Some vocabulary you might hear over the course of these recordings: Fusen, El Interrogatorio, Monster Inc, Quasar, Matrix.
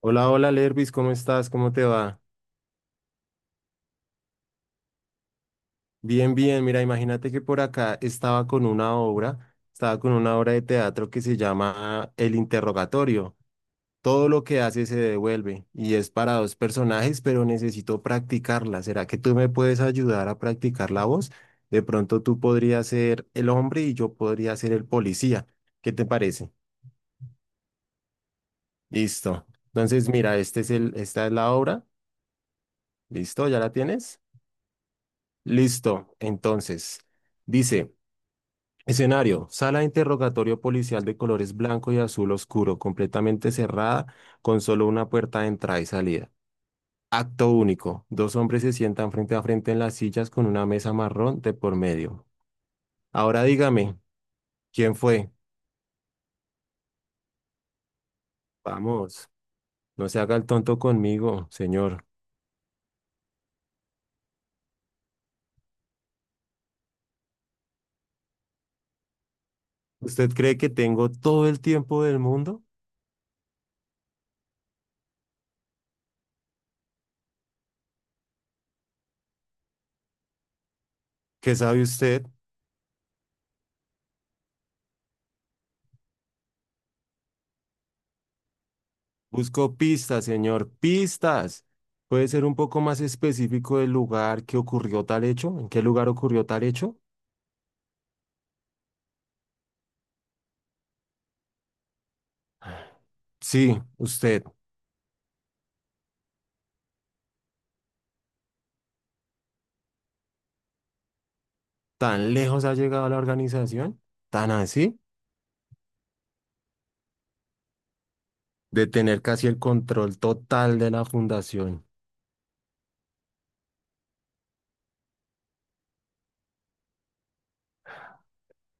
Hola, hola Lervis, ¿cómo estás? ¿Cómo te va? Bien, bien. Mira, imagínate que por acá estaba con una obra de teatro que se llama El Interrogatorio. Todo lo que hace se devuelve y es para dos personajes, pero necesito practicarla. ¿Será que tú me puedes ayudar a practicar la voz? De pronto tú podrías ser el hombre y yo podría ser el policía. ¿Qué te parece? Listo. Entonces, mira, esta es la obra. ¿Listo? ¿Ya la tienes? Listo. Entonces, dice. Escenario, sala de interrogatorio policial de colores blanco y azul oscuro, completamente cerrada, con solo una puerta de entrada y salida. Acto único, dos hombres se sientan frente a frente en las sillas con una mesa marrón de por medio. Ahora dígame, ¿quién fue? Vamos, no se haga el tonto conmigo, señor. ¿Usted cree que tengo todo el tiempo del mundo? ¿Qué sabe usted? Busco pistas, señor, pistas. ¿Puede ser un poco más específico del lugar que ocurrió tal hecho? ¿En qué lugar ocurrió tal hecho? Sí, usted, ¿tan lejos ha llegado la organización? ¿Tan así? De tener casi el control total de la fundación.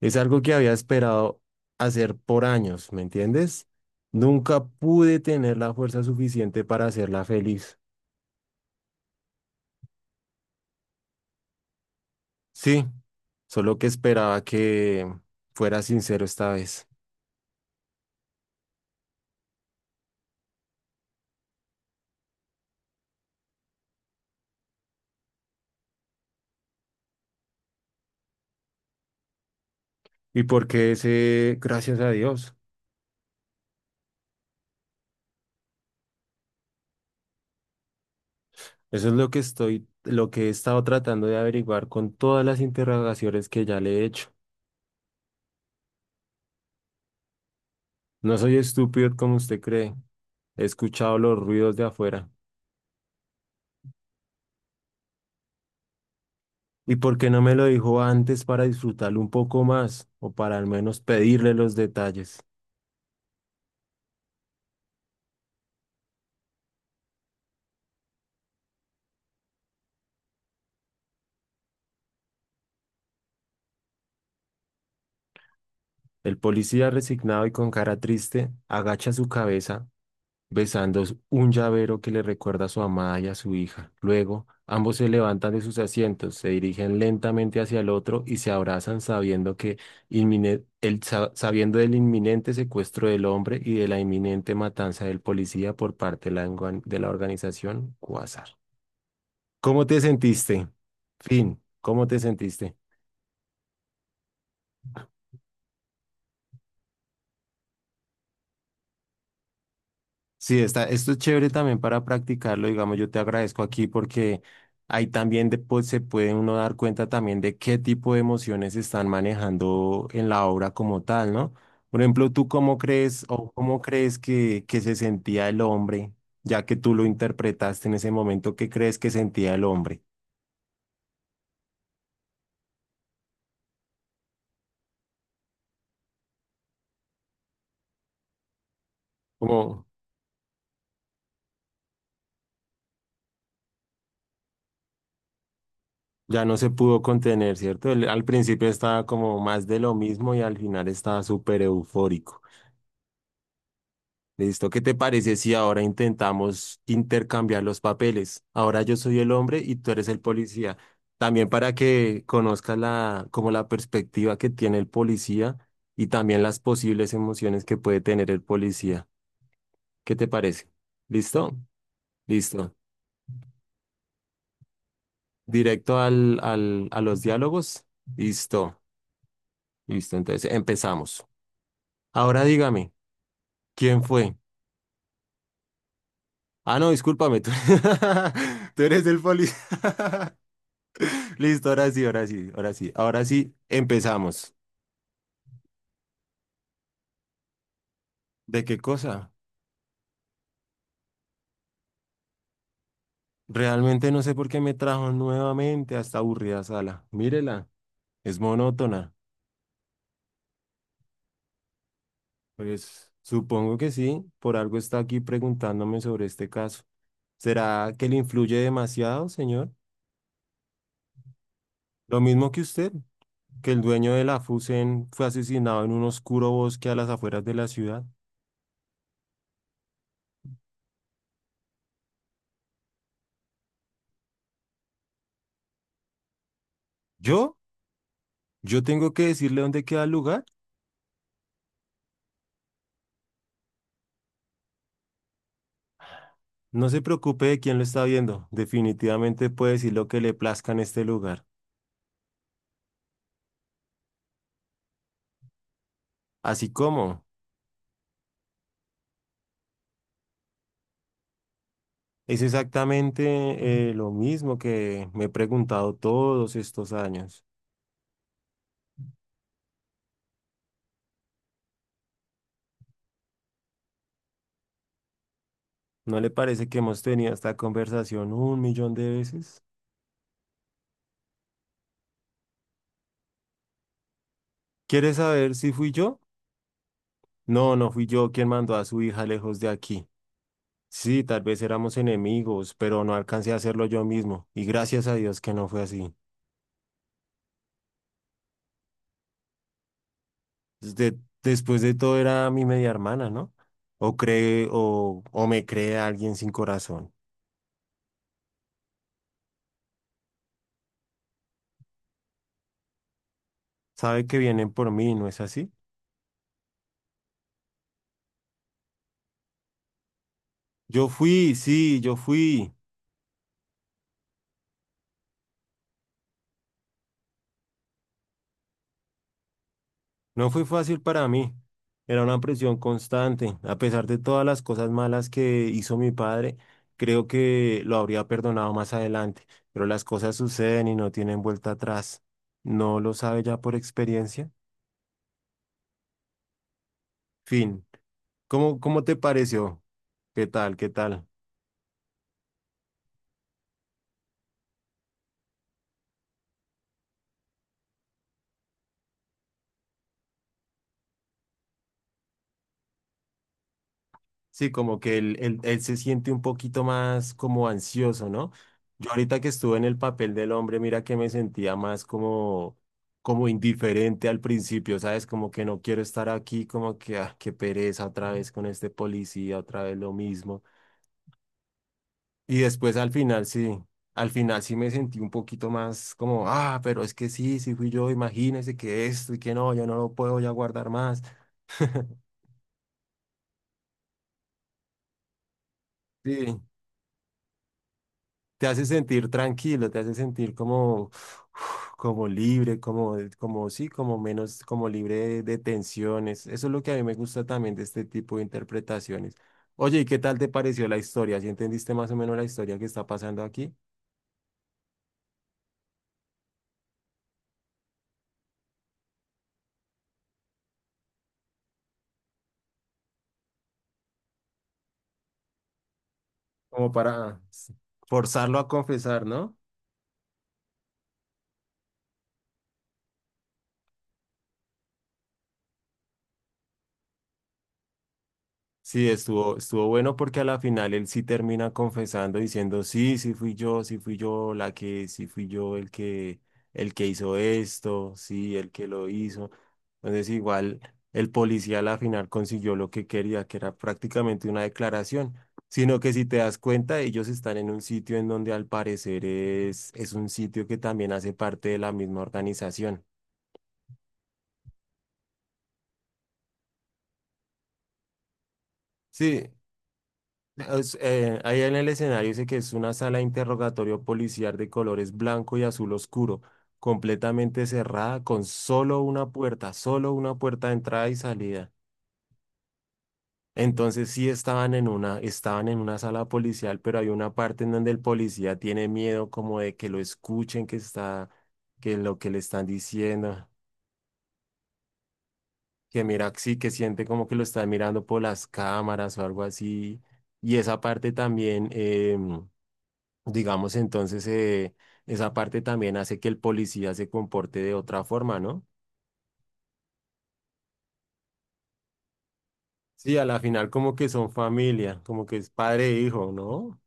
Es algo que había esperado hacer por años, ¿me entiendes? Nunca pude tener la fuerza suficiente para hacerla feliz. Sí, solo que esperaba que fuera sincero esta vez. Y porque ese, gracias a Dios, eso es lo que lo que he estado tratando de averiguar con todas las interrogaciones que ya le he hecho. No soy estúpido como usted cree. He escuchado los ruidos de afuera. ¿Y por qué no me lo dijo antes para disfrutarlo un poco más o para al menos pedirle los detalles? El policía resignado y con cara triste agacha su cabeza besando un llavero que le recuerda a su amada y a su hija. Luego, ambos se levantan de sus asientos, se dirigen lentamente hacia el otro y se abrazan sabiendo que sabiendo del inminente secuestro del hombre y de la inminente matanza del policía por parte de de la organización Quasar. ¿Cómo te sentiste? Fin, ¿cómo te sentiste? Sí, esto es chévere también para practicarlo, digamos, yo te agradezco aquí porque pues, se puede uno dar cuenta también de qué tipo de emociones se están manejando en la obra como tal, ¿no? Por ejemplo, ¿tú cómo crees o cómo crees que se sentía el hombre, ya que tú lo interpretaste en ese momento, qué crees que sentía el hombre? Como ya no se pudo contener, ¿cierto? Él al principio estaba como más de lo mismo y al final estaba súper eufórico. Listo, ¿qué te parece si ahora intentamos intercambiar los papeles? Ahora yo soy el hombre y tú eres el policía. También para que conozcas como la perspectiva que tiene el policía y también las posibles emociones que puede tener el policía. ¿Qué te parece? ¿Listo? Listo. Directo a los diálogos. Listo. Listo. Entonces empezamos. Ahora dígame, ¿quién fue? Ah, no, discúlpame, tú, tú eres el policía. Listo, ahora sí, empezamos. ¿De qué cosa? Realmente no sé por qué me trajo nuevamente a esta aburrida sala. Mírela, es monótona. Pues supongo que sí, por algo está aquí preguntándome sobre este caso. ¿Será que le influye demasiado, señor? Lo mismo que usted, que el dueño de la Fusen fue asesinado en un oscuro bosque a las afueras de la ciudad. ¿Yo? ¿Yo tengo que decirle dónde queda el lugar? No se preocupe de quién lo está viendo, definitivamente puede decir lo que le plazca en este lugar. Así como es exactamente lo mismo que me he preguntado todos estos años. ¿No le parece que hemos tenido esta conversación un millón de veces? ¿Quiere saber si fui yo? No, no fui yo quien mandó a su hija lejos de aquí. Sí, tal vez éramos enemigos, pero no alcancé a hacerlo yo mismo, y gracias a Dios que no fue así. Después de todo era mi media hermana, ¿no? O o me cree alguien sin corazón. Sabe que vienen por mí, ¿no es así? Yo fui, sí, yo fui. No fue fácil para mí. Era una presión constante. A pesar de todas las cosas malas que hizo mi padre, creo que lo habría perdonado más adelante. Pero las cosas suceden y no tienen vuelta atrás. ¿No lo sabe ya por experiencia? Fin. ¿ cómo te pareció? ¿Qué tal? ¿Qué tal? Sí, como que él se siente un poquito más como ansioso, ¿no? Yo ahorita que estuve en el papel del hombre, mira que me sentía más como indiferente al principio, ¿sabes? Como que no quiero estar aquí, como que, ah, qué pereza otra vez con este policía, otra vez lo mismo. Y después al final sí me sentí un poquito más como, ah, pero es que sí, sí fui yo, imagínese que esto y que no, yo no lo puedo ya guardar más. Sí. Te hace sentir tranquilo, te hace sentir como, uf, como libre, como sí, como menos, como libre de tensiones. Eso es lo que a mí me gusta también de este tipo de interpretaciones. Oye, ¿y qué tal te pareció la historia? ¿Sí entendiste más o menos la historia que está pasando aquí? Como para s- Forzarlo a confesar, ¿no? Sí, estuvo bueno porque a la final él sí termina confesando diciendo, sí, sí fui yo, sí fui yo el que hizo esto, sí, el que lo hizo. Entonces igual el policía a la final consiguió lo que quería, que era prácticamente una declaración, sino que si te das cuenta, ellos están en un sitio en donde al parecer es un sitio que también hace parte de la misma organización. Sí, es, ahí en el escenario dice que es una sala de interrogatorio policial de colores blanco y azul oscuro, completamente cerrada, con solo una puerta de entrada y salida. Entonces sí estaban estaban en una sala policial, pero hay una parte en donde el policía tiene miedo como de que lo escuchen, que lo que le están diciendo, que mira, sí, que siente como que lo están mirando por las cámaras o algo así. Y esa parte también. Digamos, entonces, esa parte también hace que el policía se comporte de otra forma, ¿no? Sí, a la final como que son familia, como que es padre e hijo, ¿no?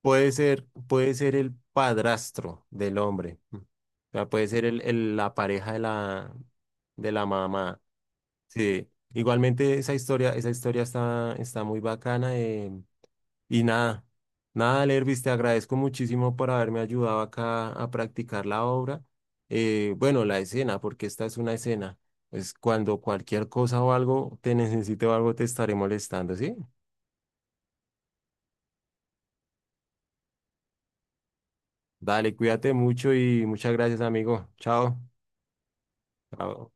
Puede ser el padrastro del hombre, mm, o sea, puede ser la pareja de la mamá. Sí, igualmente esa historia está muy bacana. Y nada, nada, Lervis, te agradezco muchísimo por haberme ayudado acá a practicar la obra. Bueno, la escena, porque esta es una escena. Pues cuando cualquier cosa o algo te necesite o algo te estaré molestando, ¿sí? Dale, cuídate mucho y muchas gracias, amigo. Chao. Chao.